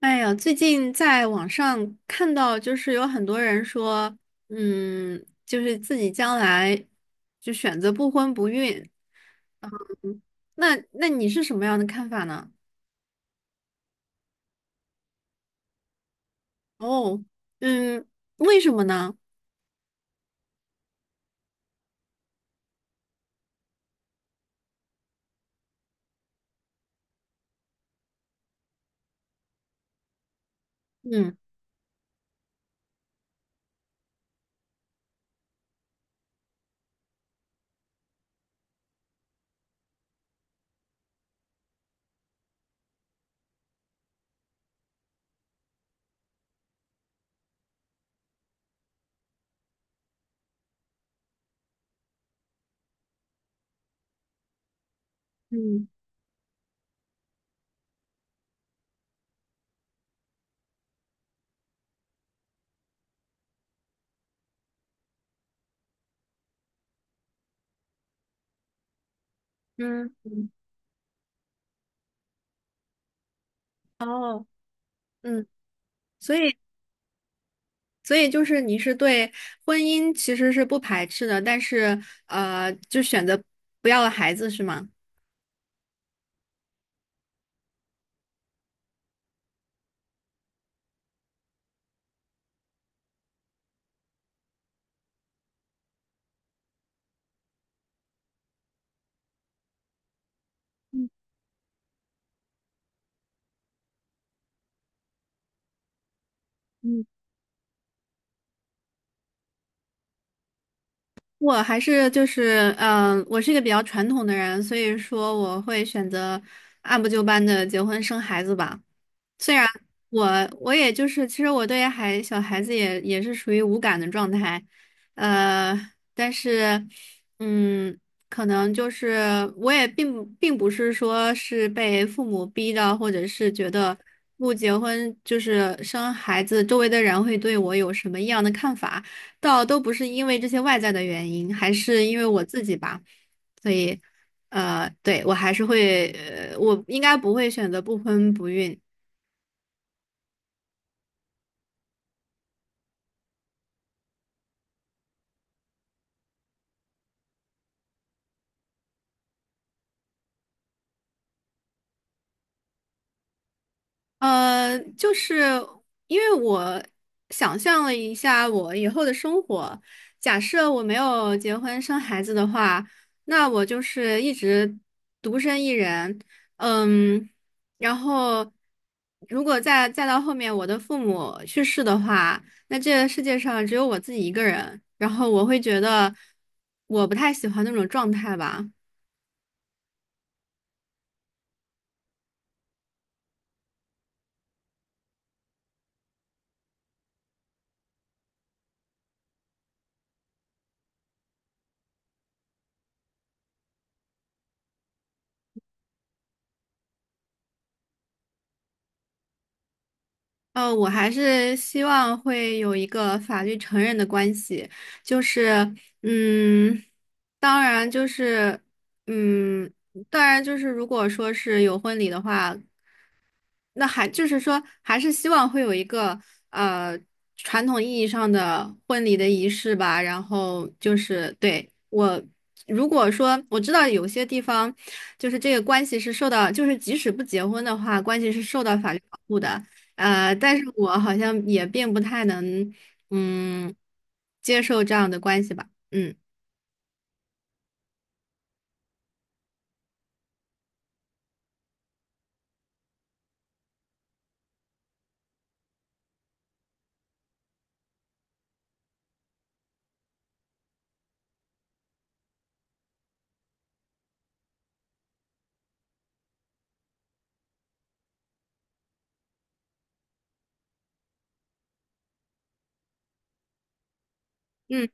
哎呀，最近在网上看到，就是有很多人说，就是自己将来就选择不婚不孕。嗯那你是什么样的看法呢？哦。嗯，为什么呢？嗯嗯嗯嗯。哦。嗯，所以所以就是你是对婚姻其实是不排斥的，但是就选择不要了孩子是吗？嗯。我还是就是，我是一个比较传统的人，所以说我会选择按部就班的结婚生孩子吧。虽然我我也就是，其实我对小孩子也是属于无感的状态，呃，但是，嗯，可能就是我也并不是说是被父母逼的，或者是觉得不结婚就是生孩子，周围的人会对我有什么异样的看法，倒都不是因为这些外在的原因，还是因为我自己吧，所以，对，我还是会，我应该不会选择不婚不孕。就是因为我想象了一下我以后的生活，假设我没有结婚生孩子的话，那我就是一直独身一人，嗯，然后如果再到后面我的父母去世的话，那这个世界上只有我自己一个人，然后我会觉得我不太喜欢那种状态吧。我还是希望会有一个法律承认的关系，就是，嗯，当然就是，嗯，当然就是，如果说是有婚礼的话，那还就是说，还是希望会有一个呃传统意义上的婚礼的仪式吧。然后就是对我，如果说我知道有些地方，就是这个关系是受到，就是即使不结婚的话，关系是受到法律保护的。但是我好像也并不太能嗯接受这样的关系吧。嗯嗯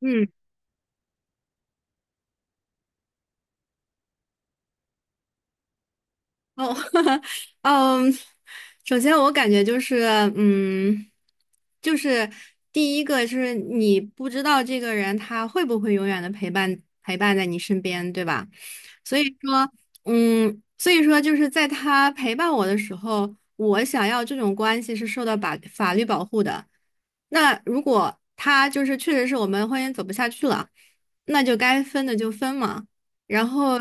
嗯。哦。嗯，首先我感觉就是，嗯，就是第一个就是你不知道这个人他会不会永远的陪伴在你身边，对吧？所以说，所以说就是在他陪伴我的时候，我想要这种关系是受到法律保护的。那如果他就是确实是我们婚姻走不下去了，那就该分的就分嘛。然后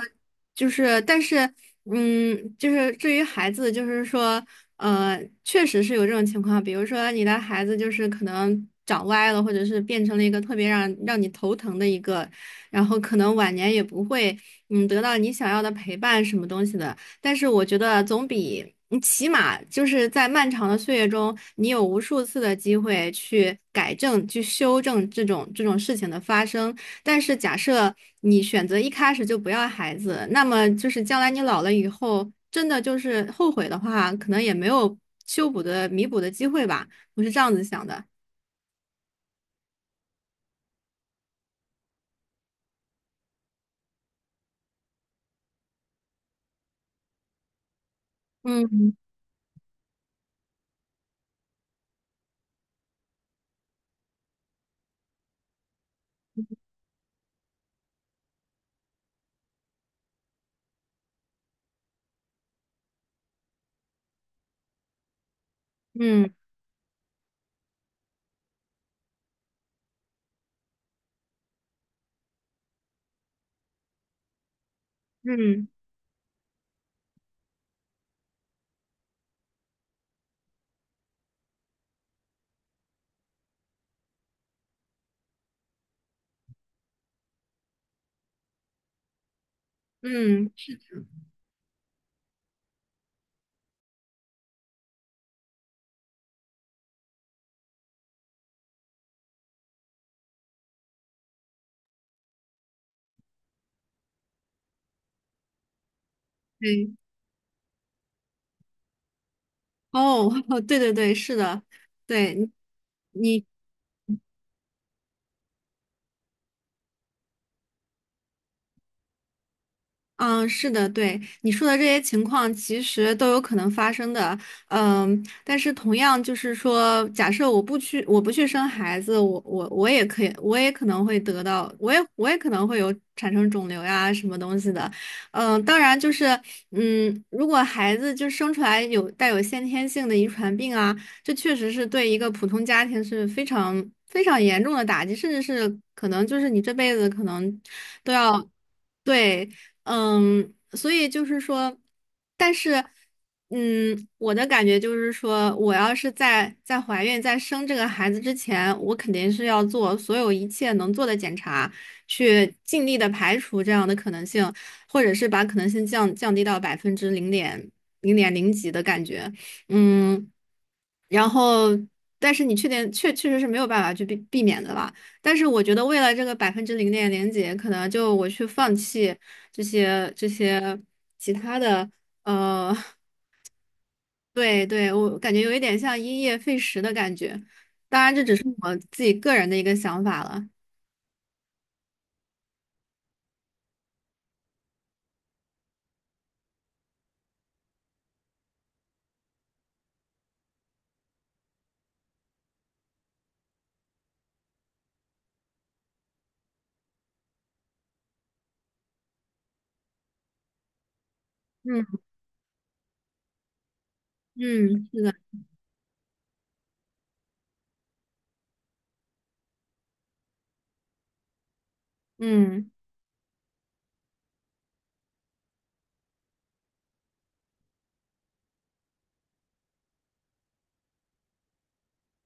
就是，但是，就是至于孩子，就是说，确实是有这种情况，比如说你的孩子就是可能长歪了，或者是变成了一个特别让你头疼的一个，然后可能晚年也不会，得到你想要的陪伴什么东西的。但是我觉得总比你起码就是在漫长的岁月中，你有无数次的机会去改正、去修正这种事情的发生。但是假设你选择一开始就不要孩子，那么就是将来你老了以后，真的就是后悔的话，可能也没有修补的、弥补的机会吧。我是这样子想的。嗯嗯嗯嗯，对。哦，对对对，是的，对你。嗯，是的，对你说的这些情况，其实都有可能发生的。但是同样就是说，假设我不去生孩子，我也可以，我也可能会得到，我也可能会有产生肿瘤呀什么东西的。当然就是，如果孩子就生出来有带有先天性的遗传病啊，这确实是对一个普通家庭是非常非常严重的打击，甚至是可能就是你这辈子可能都要。对。所以就是说，但是，我的感觉就是说，我要是在怀孕、在生这个孩子之前，我肯定是要做所有一切能做的检查，去尽力的排除这样的可能性，或者是把可能性降低到百分之零点零几的感觉，嗯，然后，但是你确定确实是没有办法去避免的吧？但是我觉得为了这个百分之零点零几，可能就我去放弃。这些其他的，呃，对对，我感觉有一点像因噎废食的感觉。当然，这只是我自己个人的一个想法了。嗯嗯，是的，嗯。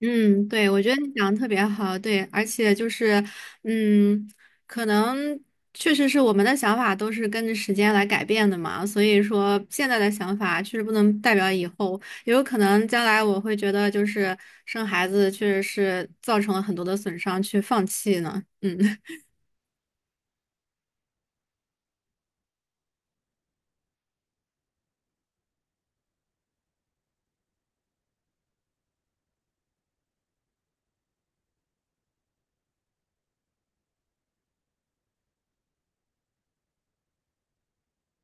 嗯，对，我觉得你讲的特别好，对，而且就是，嗯，可能确实是我们的想法都是跟着时间来改变的嘛，所以说现在的想法确实不能代表以后，也有可能将来我会觉得就是生孩子确实是造成了很多的损伤，去放弃呢。嗯。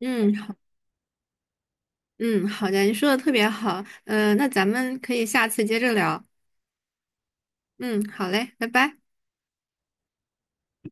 嗯，好。嗯，好的，你说的特别好，那咱们可以下次接着聊。嗯，好嘞，拜拜。